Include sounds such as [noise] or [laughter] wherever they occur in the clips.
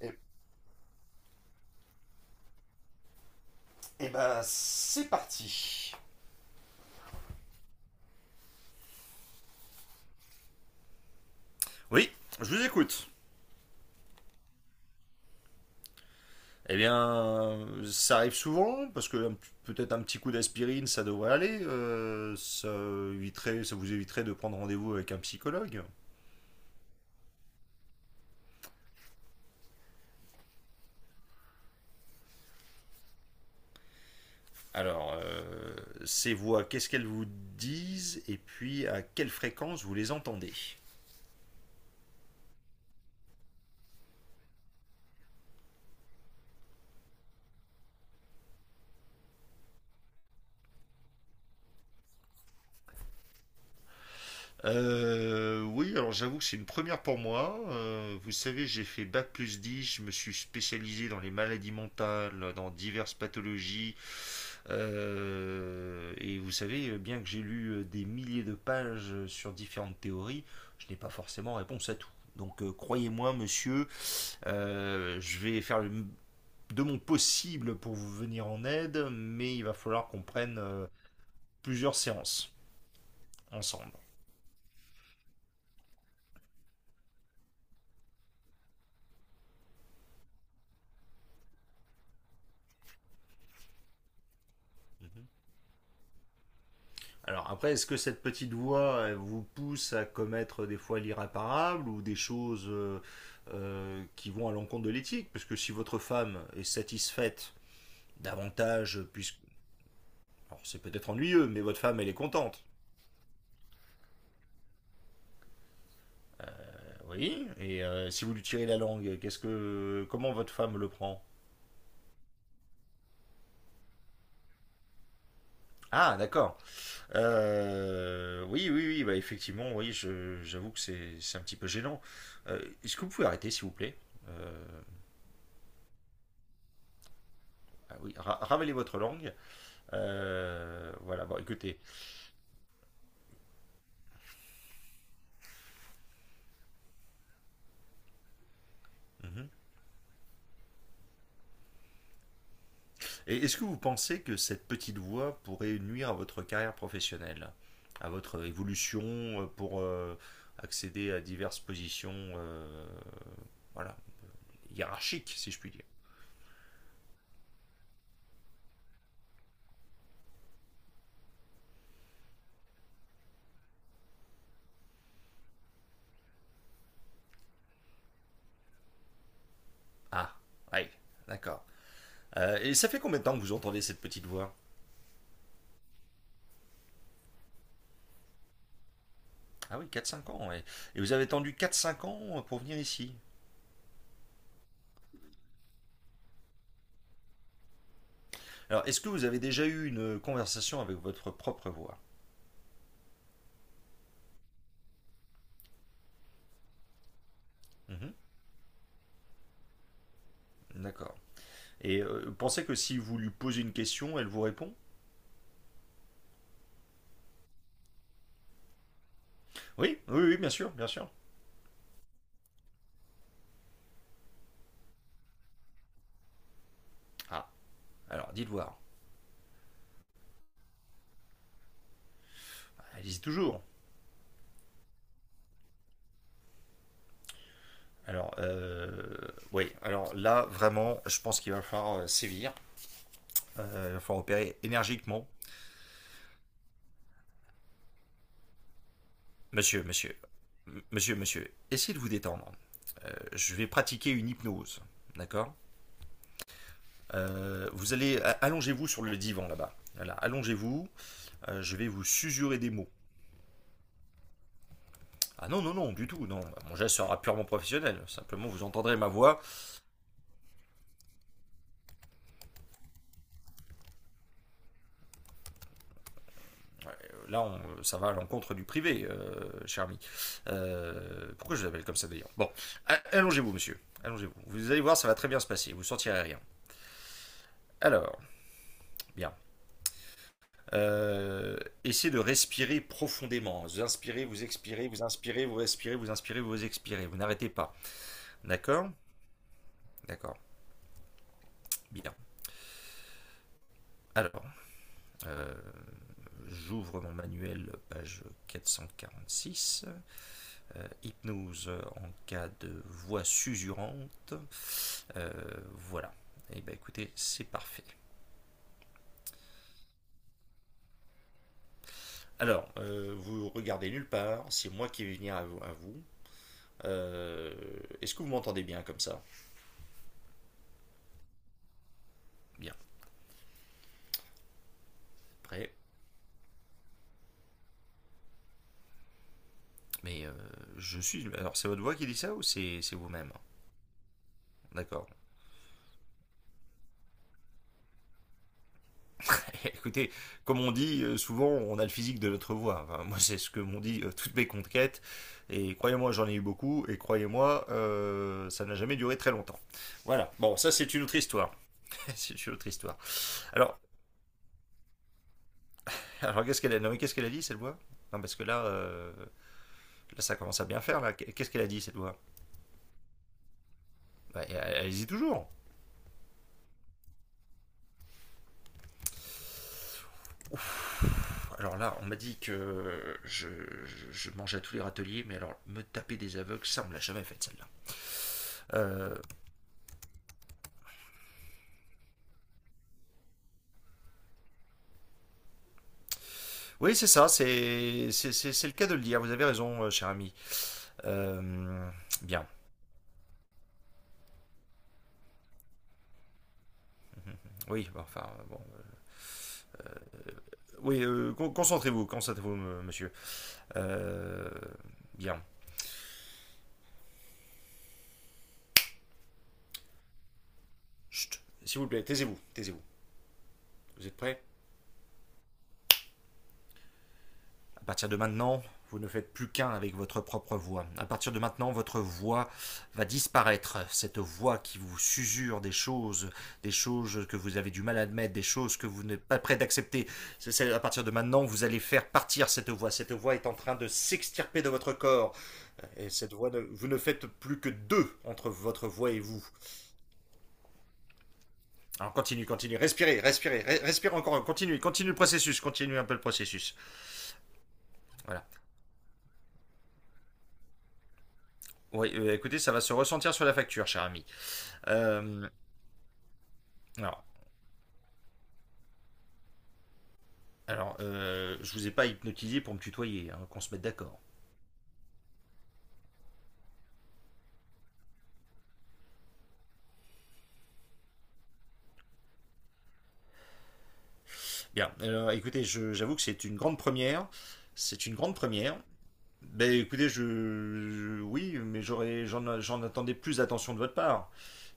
Et, et ben, c'est parti. Oui, je vous écoute. Eh bien, ça arrive souvent, parce que peut-être un petit coup d'aspirine, ça devrait aller. Ça vous éviterait de prendre rendez-vous avec un psychologue. Alors, ces voix, qu'est-ce qu'elles vous disent et puis à quelle fréquence vous les entendez? Oui, alors j'avoue que c'est une première pour moi. Vous savez, j'ai fait Bac plus 10, je me suis spécialisé dans les maladies mentales, dans diverses pathologies. Et vous savez, bien que j'ai lu des milliers de pages sur différentes théories, je n'ai pas forcément réponse à tout. Donc croyez-moi, monsieur, je vais faire le de mon possible pour vous venir en aide, mais il va falloir qu'on prenne plusieurs séances ensemble. Alors après, est-ce que cette petite voix elle vous pousse à commettre des fois l'irréparable ou des choses qui vont à l'encontre de l'éthique? Parce que si votre femme est satisfaite davantage, puisque c'est peut-être ennuyeux, mais votre femme elle est contente. Oui. Et si vous lui tirez la langue, qu'est-ce que comment votre femme le prend? Ah, d'accord. Oui, oui, oui, bah effectivement, oui, j'avoue que c'est un petit peu gênant. Est-ce que vous pouvez arrêter s'il vous plaît? Euh, ah, oui, ravalez votre langue. Voilà, bon, écoutez. Mm-hmm. Et est-ce que vous pensez que cette petite voix pourrait nuire à votre carrière professionnelle, à votre évolution, pour accéder à diverses positions, voilà, hiérarchiques, si je puis dire? Ah, oui, d'accord. Et ça fait combien de temps que vous entendez cette petite voix? Ah, oui, 4-5 ans, ouais. Et vous avez attendu 4-5 ans pour venir ici. Alors, est-ce que vous avez déjà eu une conversation avec votre propre voix? Mhm. D'accord. Et pensez que si vous lui posez une question, elle vous répond? Oui, oui, oui, bien sûr, bien sûr. Ah, alors dites voir. Allez-y toujours. Alors, oui, alors là, vraiment, je pense qu'il va falloir sévir. Il va falloir opérer énergiquement. Monsieur, monsieur, monsieur, monsieur, essayez de vous détendre. Je vais pratiquer une hypnose, d'accord? Allongez-vous sur le divan là-bas. Voilà, allongez-vous. Je vais vous susurrer des mots. Ah, non, non, non, du tout, non. Mon geste sera purement professionnel. Simplement, vous entendrez ma voix. Ouais. Là, ça va à l'encontre du privé, cher ami. Pourquoi je vous appelle comme ça d'ailleurs? Bon, allongez-vous, monsieur. Allongez-vous. Vous allez voir, ça va très bien se passer. Vous ne sentirez rien. Alors, bien. Euh, essayez de respirer profondément. Vous inspirez, vous expirez, vous inspirez, vous respirez, vous inspirez, vous expirez. Vous n'arrêtez pas. D'accord. D'accord. Bien. Alors, euh, j'ouvre mon manuel, page 446. Hypnose en cas de voix susurrante. Euh, voilà. Et bah écoutez, c'est parfait. Alors, vous regardez nulle part, c'est moi qui vais venir à vous. À vous. Euh, Est-ce que vous m'entendez bien comme ça? Bien, prêt. Mais je suis. Alors, c'est votre voix qui dit ça ou c'est vous-même? D'accord. [laughs] Écoutez, comme on dit souvent, on a le physique de notre voix. Enfin, moi, c'est ce que m'ont dit toutes mes conquêtes. Et croyez-moi, j'en ai eu beaucoup. Et croyez-moi, ça n'a jamais duré très longtemps. Voilà. Bon, ça, c'est une autre histoire. [laughs] C'est une autre histoire. Alors, non, mais qu'est-ce qu'elle a dit cette voix? Non, parce que là, là ça commence à bien faire là. Qu'est-ce qu'elle a dit cette voix? Bah, elle hésite toujours. Alors là, on m'a dit que je mangeais à tous les râteliers, mais alors me taper des aveugles, ça on me l'a jamais fait celle-là. Euh, oui, c'est ça, c'est le cas de le dire. Vous avez raison, cher ami. Euh, bien. Oui, bon, enfin bon. Oui, concentrez-vous, concentrez-vous, monsieur. Euh, bien. Chut. S'il vous plaît, taisez-vous, taisez-vous. Vous êtes prêts? À partir de maintenant, vous ne faites plus qu'un avec votre propre voix. À partir de maintenant, votre voix va disparaître. Cette voix qui vous susure des choses que vous avez du mal à admettre, des choses que vous n'êtes pas prêt d'accepter. À partir de maintenant, vous allez faire partir cette voix. Cette voix est en train de s'extirper de votre corps. Et cette voix, vous ne faites plus que deux entre votre voix et vous. Alors, continue, continue. Respirez, respirez, respirez encore. Continue, continue le processus. Continue un peu le processus. Voilà. Oui, écoutez, ça va se ressentir sur la facture, cher ami. Euh, alors, alors, je vous ai pas hypnotisé pour me tutoyer, hein, qu'on se mette d'accord. Bien, alors, écoutez, j'avoue que c'est une grande première. C'est une grande première. Ben écoutez, oui, mais j'en attendais plus d'attention de votre part.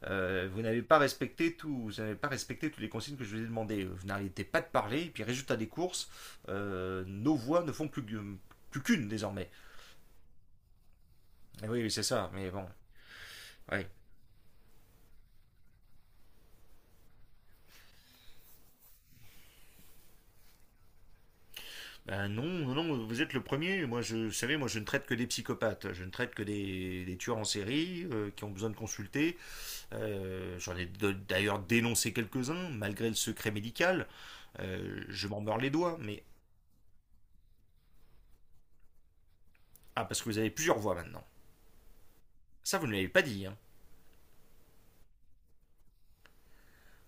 Vous n'avez pas respecté toutes les consignes que je vous ai demandées. Vous n'arrêtez pas de parler, et puis résultat des courses, nos voix ne font plus, plus qu'une désormais. Eh, oui, oui, c'est ça, mais bon, oui. Ben, non, non, vous êtes le premier. Vous savez, moi, je ne traite que des psychopathes. Je ne traite que des tueurs en série, qui ont besoin de consulter. J'en ai d'ailleurs dénoncé quelques-uns, malgré le secret médical. Je m'en mords les doigts, mais. Ah, parce que vous avez plusieurs voix maintenant. Ça, vous ne l'avez pas dit, hein.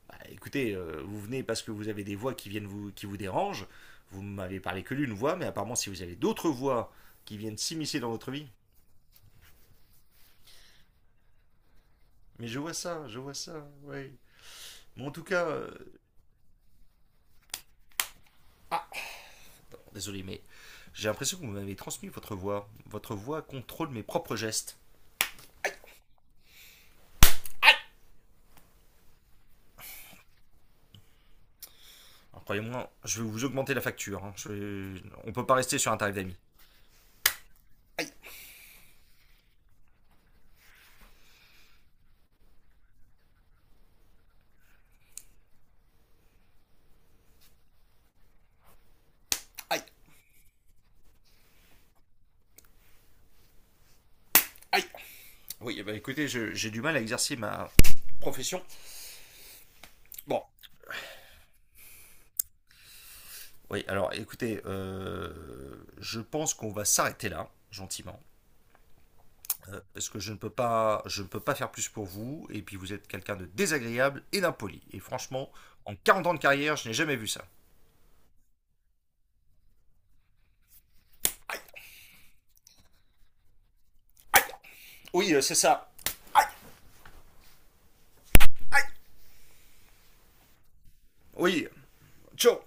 Bah, écoutez, vous venez parce que vous avez des voix qui vous dérangent. Vous m'avez parlé que d'une voix, mais apparemment, si vous avez d'autres voix qui viennent s'immiscer dans votre vie. Mais je vois ça, oui. Mais en tout cas. Ah, désolé, mais j'ai l'impression que vous m'avez transmis votre voix. Votre voix contrôle mes propres gestes. Alors, croyez-moi, je vais vous augmenter la facture, hein. On peut pas rester sur un tarif d'amis. Aïe, aïe, aïe. Oui, bah écoutez, j'ai du mal à exercer ma profession. Bon. Oui, alors écoutez, je pense qu'on va s'arrêter là, gentiment, parce que je ne peux pas, je ne peux pas faire plus pour vous. Et puis vous êtes quelqu'un de désagréable et d'impoli. Et franchement, en 40 ans de carrière, je n'ai jamais vu ça. Oui, c'est ça. Aïe. Oui. Ciao.